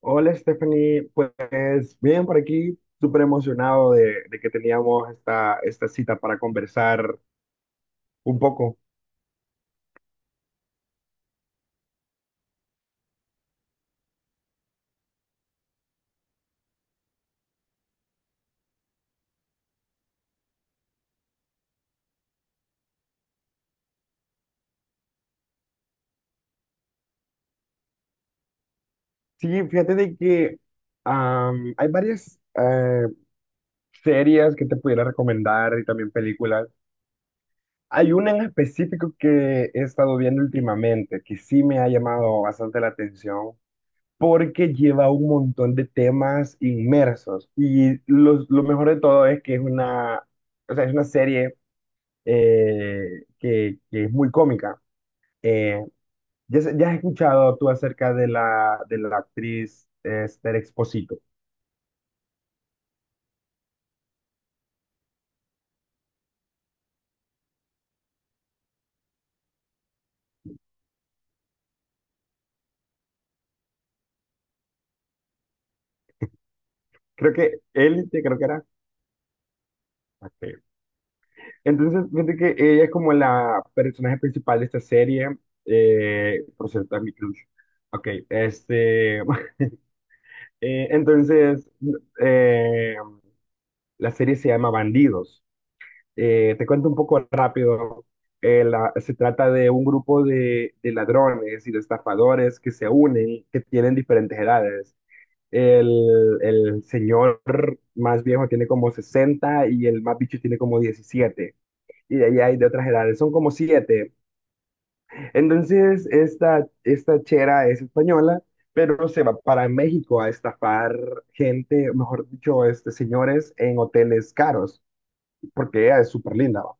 Hola Stephanie, pues bien por aquí, súper emocionado de que teníamos esta cita para conversar un poco. Sí, fíjate de que hay varias series que te pudiera recomendar y también películas. Hay una en específico que he estado viendo últimamente que sí me ha llamado bastante la atención porque lleva un montón de temas inmersos y lo mejor de todo es que es una, o sea, es una serie. Que es muy cómica. Eh, ya has escuchado tú acerca de la actriz Esther Exposito. Creo que Élite, creo que era. Ok. Entonces, fíjate que ella es como la personaje principal de esta serie. Por cierto, es mi crush. Ok, entonces, eh, la serie se llama Bandidos. Te cuento un poco rápido. Se trata de un grupo de ladrones y de estafadores que se unen, que tienen diferentes edades. El señor más viejo tiene como 60 y el más bicho tiene como 17. Y de ahí hay de otras edades, son como 7. Entonces, esta chera es española, pero se va para México a estafar gente, mejor dicho, señores en hoteles caros porque ella es súper linda, ¿va?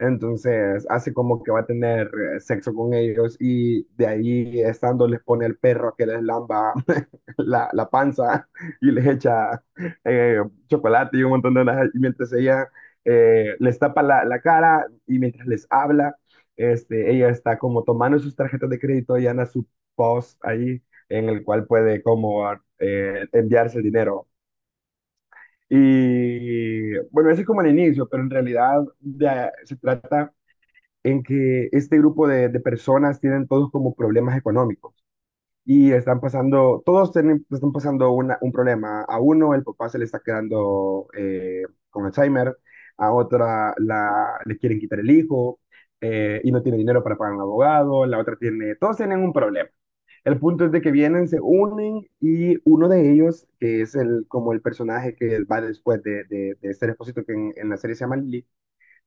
Entonces hace como que va a tener sexo con ellos y de ahí estando les pone el perro que les lamba la panza y les echa eh, chocolate y un montón de las. Y mientras ella les tapa la cara y mientras les habla, ella está como tomando sus tarjetas de crédito y anda su post ahí en el cual puede como enviarse el dinero. Y bueno, ese es como el inicio, pero en realidad se trata en que este grupo de personas tienen todos como problemas económicos y están pasando, todos tienen, están pasando un problema. A uno el papá se le está quedando con Alzheimer, a otra le quieren quitar el hijo y no tiene dinero para pagar un abogado, la otra tiene, todos tienen un problema. El punto es de que vienen, se unen y uno de ellos, que es como el personaje que va después de este Expósito, que la serie se llama Lily,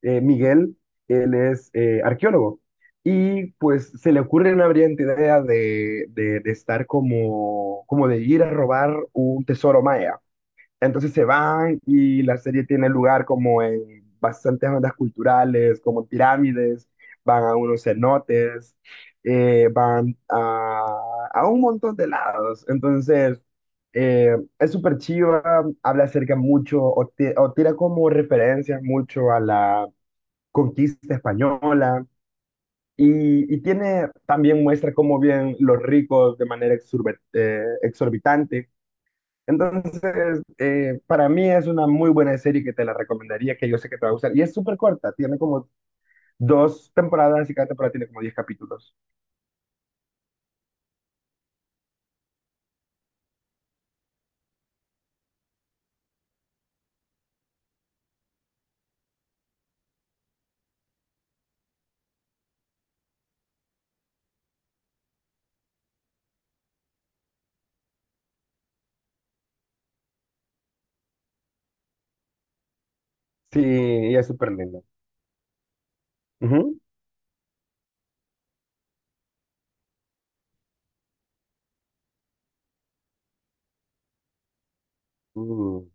Miguel, él es arqueólogo. Y pues se le ocurre una brillante idea de estar como de ir a robar un tesoro maya. Entonces se van y la serie tiene lugar como en bastantes bandas culturales, como pirámides, van a unos cenotes, van a un montón de lados. Entonces, es súper chiva, habla acerca mucho o tira como referencias mucho a la conquista española. Y tiene también muestra cómo bien los ricos de manera exorbitante entonces, para mí es una muy buena serie que te la recomendaría, que yo sé que te va a gustar. Y es súper corta, tiene como dos temporadas y cada temporada tiene como 10 capítulos. Sí, y es súper linda. Ujú. Mm.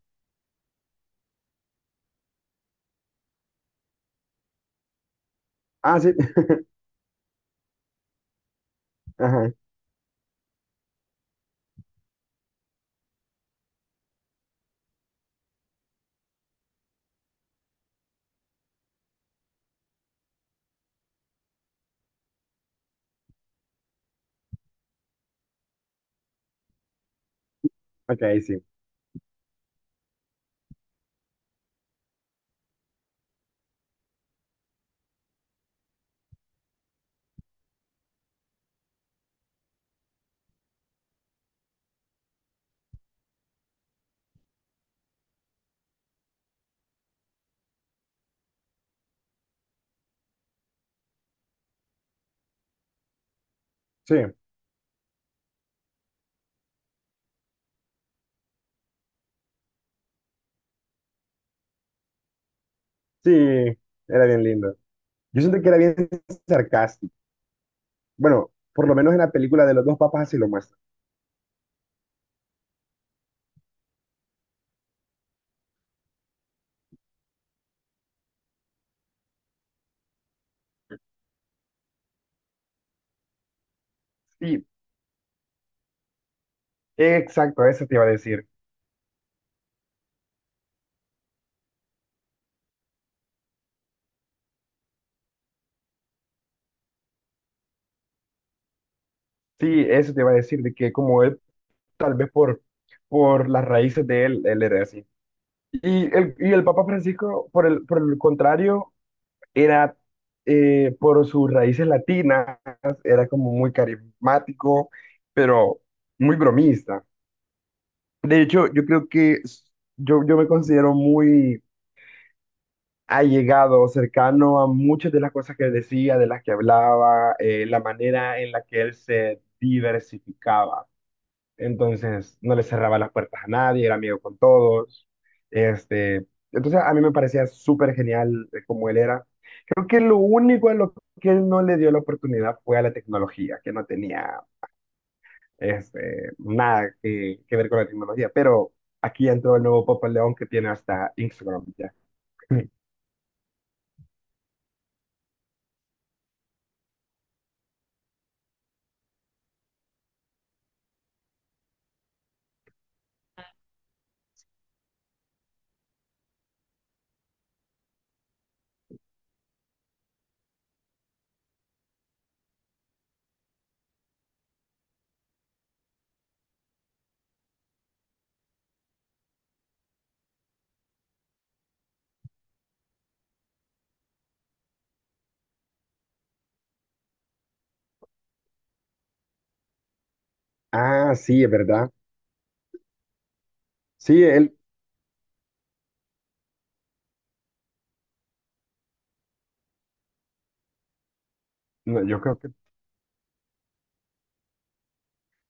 Ah, sí. Ajá. Ok, sí. Sí, sí, era bien lindo. Yo siento que era bien sarcástico. Bueno, por lo menos en la película de los dos papas así lo muestra. Sí, exacto, eso te iba a decir. Sí, eso te iba a decir, de que como él, tal vez por las raíces de él, él era así. Y el Papa Francisco, por el contrario, era, por sus raíces latinas, era como muy carismático, pero muy bromista. De hecho, yo creo que yo me considero muy allegado, cercano a muchas de las cosas que decía, de las que hablaba, la manera en la que él se diversificaba. Entonces, no le cerraba las puertas a nadie, era amigo con todos. Este, entonces, a mí me parecía súper genial como él era. Creo que lo único a lo que él no le dio la oportunidad fue a la tecnología, que no tenía nada que ver con la tecnología. Pero aquí entró el nuevo Papa León que tiene hasta Instagram ya. Ah, sí, es verdad. Sí, él, no, yo creo que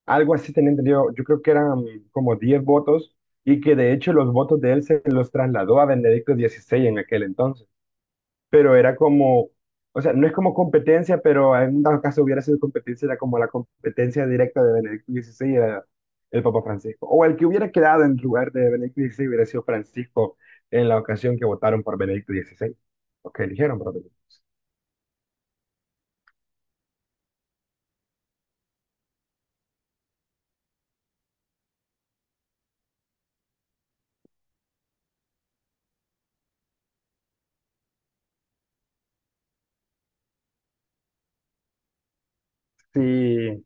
algo así tenía entendido. Yo creo que eran como 10 votos y que de hecho los votos de él se los trasladó a Benedicto XVI en aquel entonces. Pero era como, o sea, no es como competencia, pero en dado caso hubiera sido competencia, era como la competencia directa de Benedicto XVI era el Papa Francisco. O el que hubiera quedado en lugar de Benedicto XVI hubiera sido Francisco en la ocasión que votaron por Benedicto XVI. O que eligieron por Benedicto. Sí,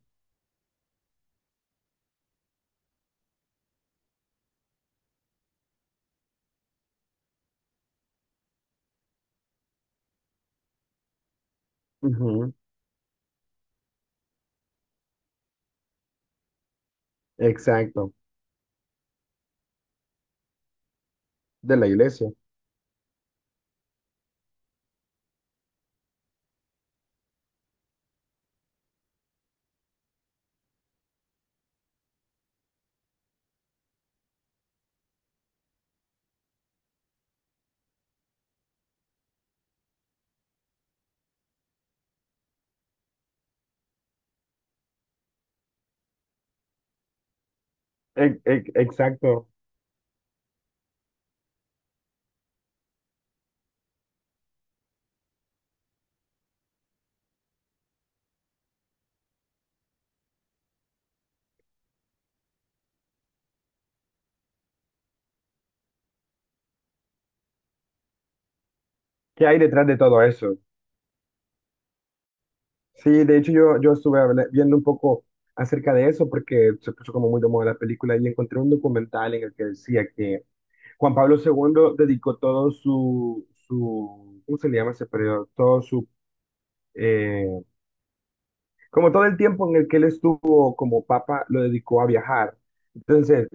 ujú, exacto, de la iglesia. E- exacto. ¿Qué hay detrás de todo eso? Sí, de hecho yo estuve viendo un poco acerca de eso porque se puso como muy de moda la película y encontré un documental en el que decía que Juan Pablo segundo dedicó todo su ¿cómo se le llama ese periodo? Eh, como todo el tiempo en el que él estuvo como papa, lo dedicó a viajar. Entonces,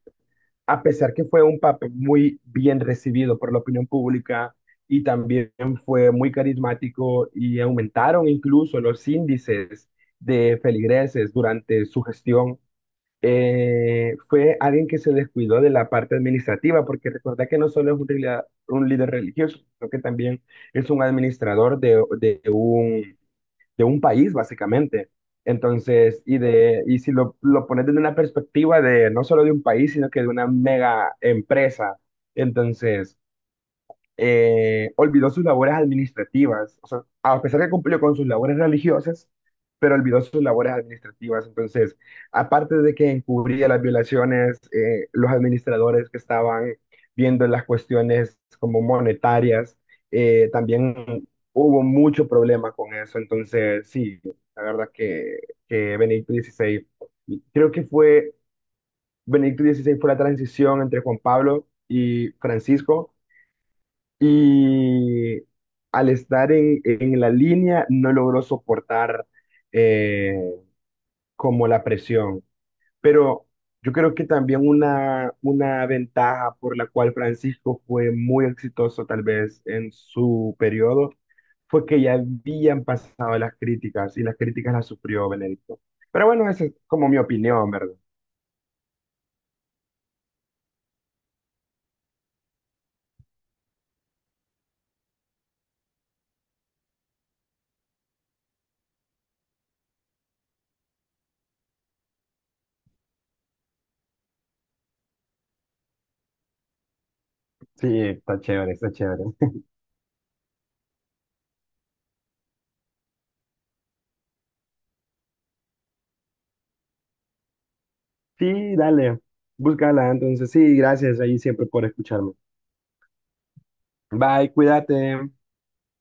a pesar que fue un papel muy bien recibido por la opinión pública y también fue muy carismático y aumentaron incluso los índices de feligreses durante su gestión, fue alguien que se descuidó de la parte administrativa, porque recuerda que no solo es un líder religioso, sino que también es un administrador de un país, básicamente. Entonces, y si lo pones desde una perspectiva de no solo de un país, sino que de una mega empresa. Entonces, olvidó sus labores administrativas, o sea, a pesar que cumplió con sus labores religiosas, pero olvidó sus labores administrativas. Entonces, aparte de que encubría las violaciones, los administradores que estaban viendo las cuestiones como monetarias, también hubo mucho problema con eso. Entonces, sí, la verdad que, Benedicto XVI, creo que fue, Benedicto XVI fue la transición entre Juan Pablo y Francisco y al estar en la línea no logró soportar eh, como la presión. Pero yo creo que también una ventaja por la cual Francisco fue muy exitoso tal vez en su periodo fue que ya habían pasado las críticas y las críticas las sufrió Benedicto. Pero bueno, esa es como mi opinión, ¿verdad? Sí, está chévere, está chévere. Sí, dale, búscala entonces. Sí, gracias ahí siempre por escucharme. Bye, cuídate.